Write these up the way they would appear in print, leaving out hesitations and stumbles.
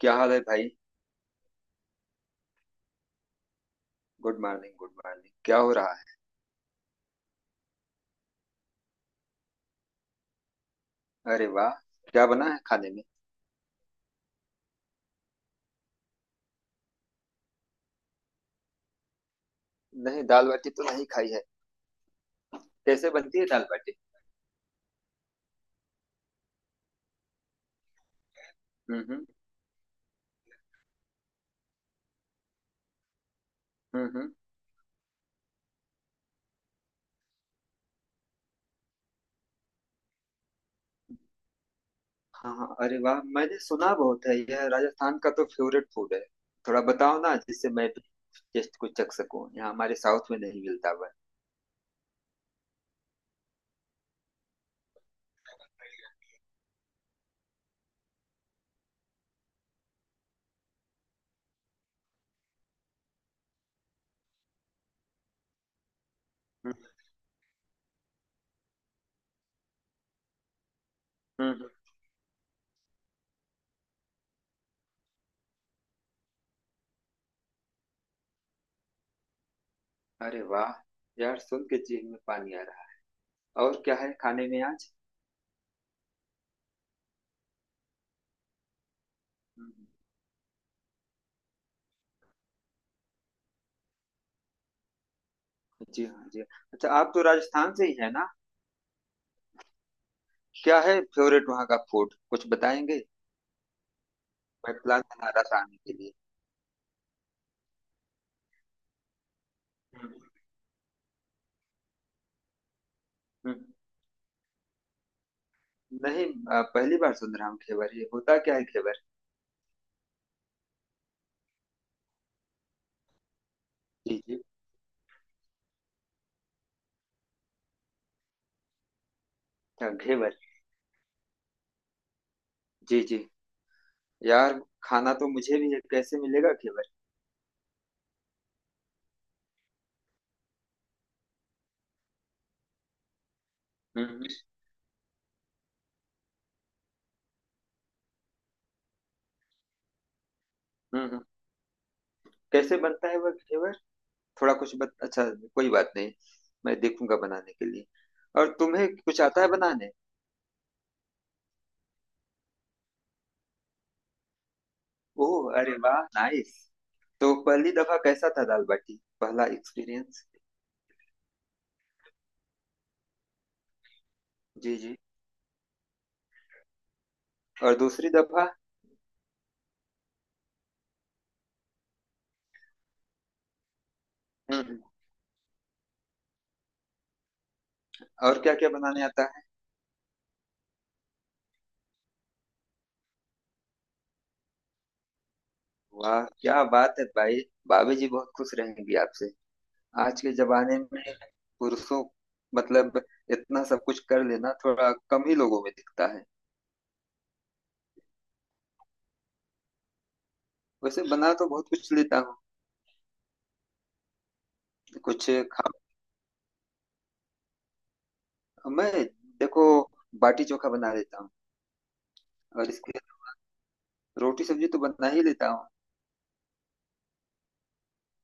क्या हाल है भाई। गुड मॉर्निंग गुड मॉर्निंग, क्या हो रहा है। अरे वाह। क्या बना है खाने में। नहीं, दाल बाटी तो नहीं खाई है। कैसे बनती है दाल बाटी। हम्म। हम्म। हम्म। हम्म। हाँ हाँ, अरे वाह, मैंने सुना बहुत है, यह राजस्थान का तो फेवरेट फूड है। थोड़ा बताओ ना जिससे मैं भी टेस्ट कुछ चख सकूं, यहाँ हमारे साउथ में नहीं मिलता हुआ। हम्म हम्म। अरे वाह। यार, सुन के जीभ में पानी आ रहा है। और क्या है खाने में आज। हम्म। जी हाँ, जी हाँ। अच्छा, आप तो राजस्थान से ही है ना। क्या है फेवरेट वहाँ का फूड, कुछ बताएंगे। मैं प्लान बना रहा था आने के लिए। हम्म। नहीं, पहली बार सुन रहा हूँ घेवर, ये होता क्या है घेवर। जी जी। घेवर। जी जी। यार खाना तो मुझे भी है, कैसे मिलेगा घेवर। हम्म। हम्म। हम्म। कैसे बनता है वह घेवर। अच्छा, कोई बात नहीं। मैं देखूंगा बनाने के लिए। और तुम्हें कुछ आता है बनाने। ओह, अरे वाह, नाइस। तो पहली दफा कैसा था दाल बाटी, पहला एक्सपीरियंस। जी जी। और दूसरी दफा। हम्म। और क्या क्या बनाने आता है। वाह क्या बात है भाई। भाभी जी बहुत खुश रहेंगी आपसे, आज के जमाने में पुरुषों मतलब इतना सब कुछ कर लेना थोड़ा कम ही लोगों में दिखता है। वैसे बना तो बहुत कुछ लेता हूँ। कुछ खा मैं देखो, बाटी चोखा बना लेता हूँ। और इसके रोटी सब्जी तो बना ही लेता हूँ।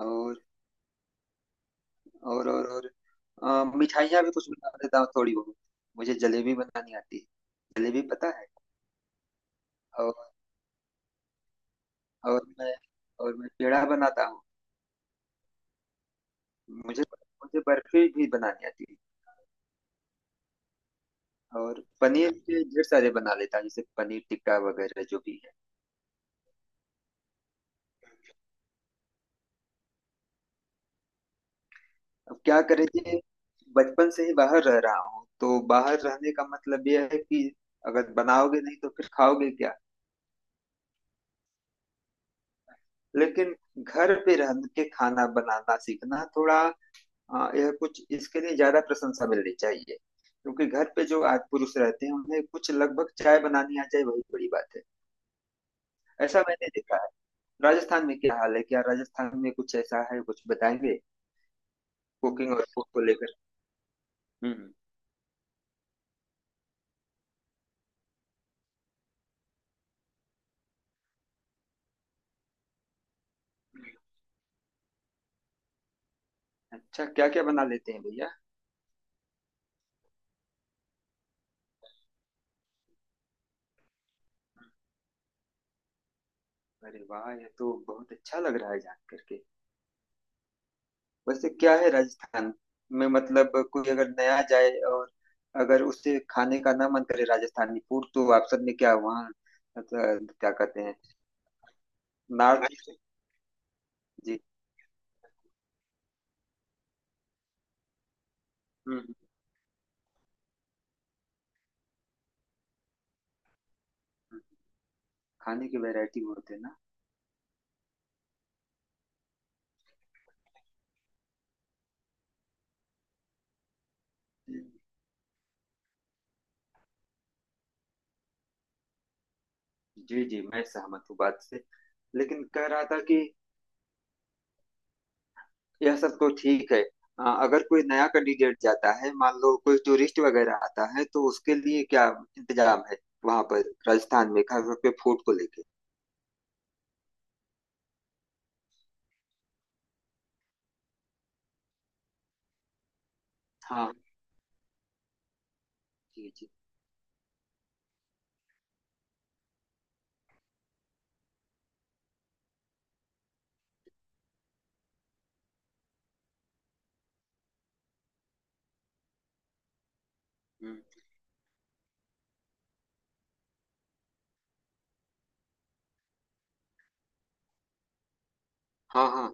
और और मिठाइयाँ भी कुछ बना लेता हूँ थोड़ी बहुत। मुझे जलेबी बनानी आती है। जलेबी पता है। और और मैं और मैं पेड़ा बनाता हूँ। मुझे मुझे बर्फी भी बनानी आती है। और पनीर के ढेर सारे बना लेता हूँ, जैसे पनीर टिक्का वगैरह जो भी है। अब क्या करें कि बचपन से ही बाहर रह रहा हूँ, तो बाहर रहने का मतलब यह है कि अगर बनाओगे नहीं तो फिर खाओगे क्या। लेकिन घर पे रह के खाना बनाना सीखना थोड़ा, यह कुछ इसके लिए ज्यादा प्रशंसा मिलनी चाहिए क्योंकि घर पे जो आज पुरुष रहते हैं उन्हें कुछ लगभग चाय बनानी आ जाए वही बड़ी बात है। ऐसा मैंने देखा है। राजस्थान में क्या हाल है, क्या राजस्थान में कुछ ऐसा है कुछ बताएंगे कुकिंग और फूड को लेकर। हम्म। अच्छा, क्या क्या बना लेते हैं भैया। अरे वाह, ये तो बहुत अच्छा लग रहा है जान करके। वैसे क्या है राजस्थान में, मतलब कोई अगर नया जाए और अगर उसे खाने का ना मन करे राजस्थानी फूड तो ऑप्शन में क्या है वहाँ, मतलब क्या कहते हैं, नॉर्थ। जी। हम्म। हम्म। हम्म। खाने की वैरायटी होते हैं ना। हम्म। जी जी, मैं सहमत हूँ बात से। लेकिन कह रहा था कि यह सब तो ठीक है, अगर कोई नया कैंडिडेट जाता है, मान लो कोई टूरिस्ट वगैरह आता है, तो उसके लिए क्या इंतजाम है वहां पर राजस्थान में खास तौर पे फूड को लेके। हाँ। जी जी। हम्म। हाँ हाँ।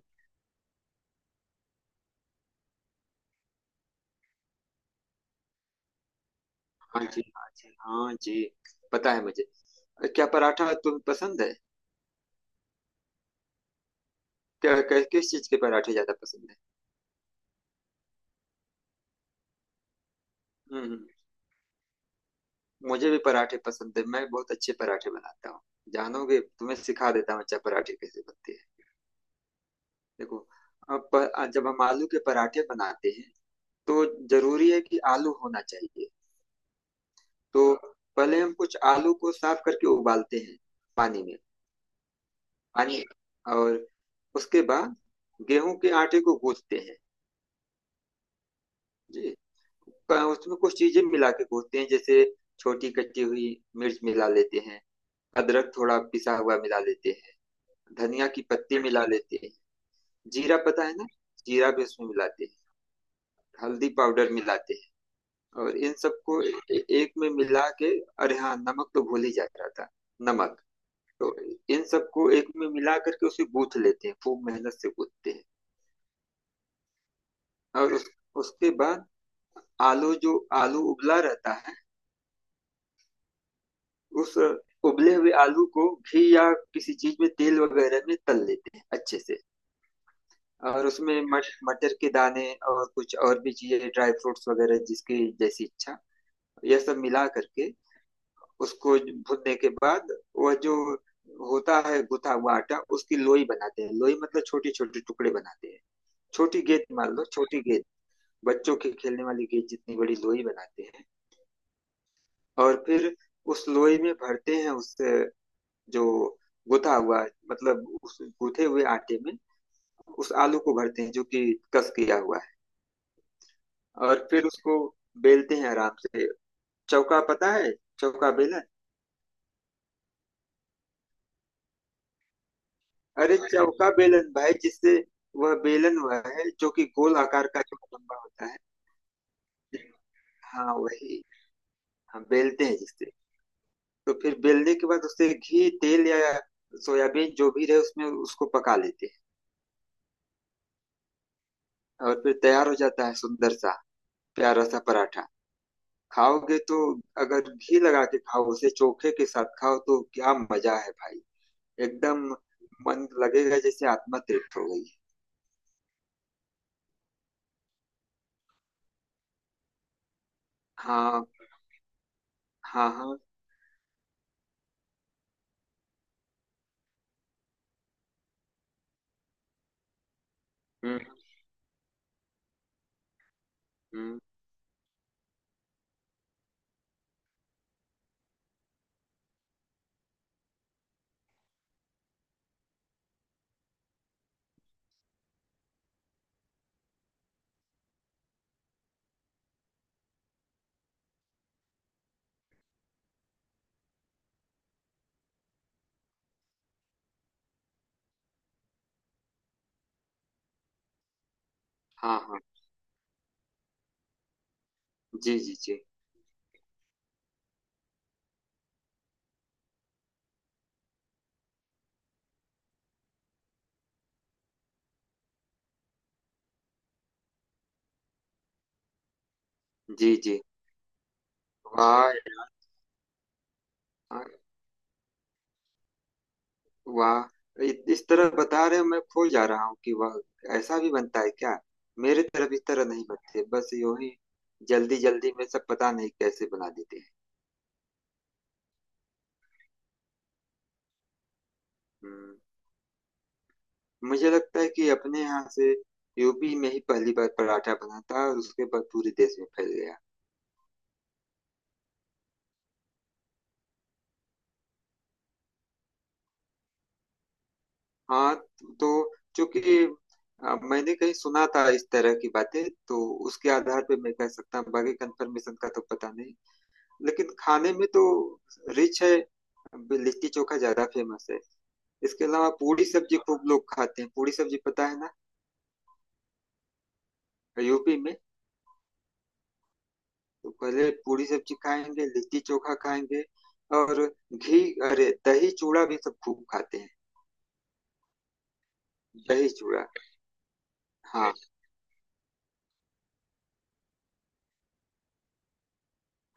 हाँ जी, हाँ जी, हाँ जी। पता है मुझे। क्या पराठा तुम्हें पसंद है। क्या क्या- किस चीज के पराठे ज्यादा पसंद है। हम्म। मुझे भी पराठे पसंद है, मैं बहुत अच्छे पराठे बनाता हूँ। जानोगे, तुम्हें सिखा देता हूँ अच्छा पराठे कैसे बनते हैं। देखो, अब जब हम आलू के पराठे बनाते हैं तो जरूरी है कि आलू होना चाहिए। तो पहले हम कुछ आलू को साफ करके उबालते हैं पानी में। पानी और उसके बाद गेहूं के आटे को गूंथते हैं। जी, उसमें कुछ चीजें मिला के गूंथते हैं, जैसे छोटी कटी हुई मिर्च मिला लेते हैं, अदरक थोड़ा पिसा हुआ मिला लेते हैं, धनिया की पत्ती मिला लेते हैं। जीरा पता है ना, जीरा भी उसमें मिलाते हैं, हल्दी पाउडर मिलाते हैं। और इन सबको एक में मिला के, अरे हाँ नमक तो भूल ही जा रहा था, नमक। तो इन सबको एक में मिला करके उसे गूंथ लेते हैं, खूब मेहनत से गूंथते हैं। और उसके बाद आलू जो आलू उबला रहता है, उस उबले हुए आलू को घी या किसी चीज में तेल वगैरह में तल लेते हैं अच्छे से। और उसमें मटर के दाने और कुछ और भी चीजें ड्राई फ्रूट्स वगैरह जिसकी जैसी इच्छा, यह सब मिला करके उसको भुनने के बाद, वह जो होता है गुथा हुआ आटा उसकी लोई बनाते हैं। लोई मतलब छोटे छोटे टुकड़े बनाते हैं, छोटी गेंद मान लो, छोटी गेंद, बच्चों के खेलने वाली गेंद जितनी बड़ी लोई बनाते हैं। और फिर उस लोई में भरते हैं, उस जो गुथा हुआ, मतलब उस गुथे हुए आटे में उस आलू को भरते हैं जो कि कस किया हुआ है। और फिर उसको बेलते हैं आराम से। चौका पता है, चौका बेलन। अरे चौका बेलन भाई, जिससे, वह बेलन वह है जो कि गोल आकार का जो लंबा होता है। हाँ वही, हम बेलते हैं जिससे। तो फिर बेलने के बाद उससे घी तेल या सोयाबीन जो भी रहे उसमें उसको पका लेते हैं, और फिर तैयार हो जाता है सुंदर सा प्यारा सा पराठा। खाओगे तो, अगर घी लगा के खाओ, उसे चोखे के साथ खाओ, तो क्या मजा है भाई। एकदम मन लगेगा, जैसे आत्मा तृप्त हो गई। हाँ हाँ। हाँ। हम्म हम्म। हाँ हाँ। जी जी। जी जी जी। वाह। यार, वाह, इस तरह बता रहे हो, मैं भूल जा रहा हूँ कि वाह, ऐसा भी बनता है क्या। मेरे तरफ इस तरह नहीं बनते, बस यूं ही जल्दी जल्दी में सब पता नहीं कैसे बना देते हैं। हम्म। मुझे लगता है कि अपने यहाँ से, यूपी में ही पहली बार पराठा बना था और उसके बाद पूरे देश में फैल गया। हाँ। तो चूंकि मैंने कहीं सुना था इस तरह की बातें, तो उसके आधार पे मैं कह सकता हूँ, बाकी कंफर्मेशन का तो पता नहीं। लेकिन खाने में तो रिच है, लिट्टी चोखा ज्यादा फेमस है। इसके अलावा पूरी सब्जी खूब लोग खाते हैं, पूरी सब्जी पता है ना, यूपी में। तो पहले पूरी सब्जी खाएंगे, लिट्टी चोखा खाएंगे। और घी अरे, दही चूड़ा भी सब खूब खाते हैं, दही चूड़ा। हाँ,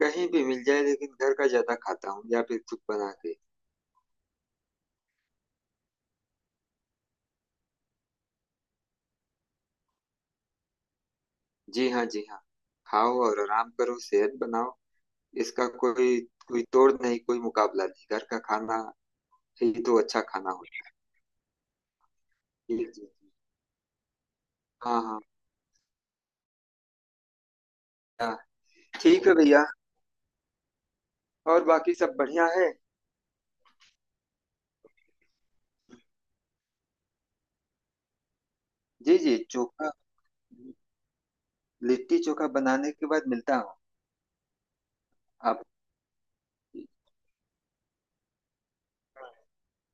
कहीं भी मिल जाए, लेकिन घर का ज्यादा खाता हूँ या फिर खुद बना के। जी हाँ, जी हाँ। खाओ और आराम करो, सेहत बनाओ। इसका कोई कोई तोड़ नहीं, कोई मुकाबला नहीं, घर का खाना ही तो अच्छा खाना होता है। जी जी। हाँ हाँ। हाँ ठीक है भैया, और बाकी सब बढ़िया है। जी जी, चोखा, लिट्टी चोखा बनाने के बाद मिलता हूँ। आप,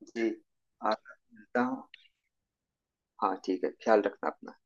जी, आप, मिलता हूँ। हाँ ठीक है, ख्याल रखना अपना।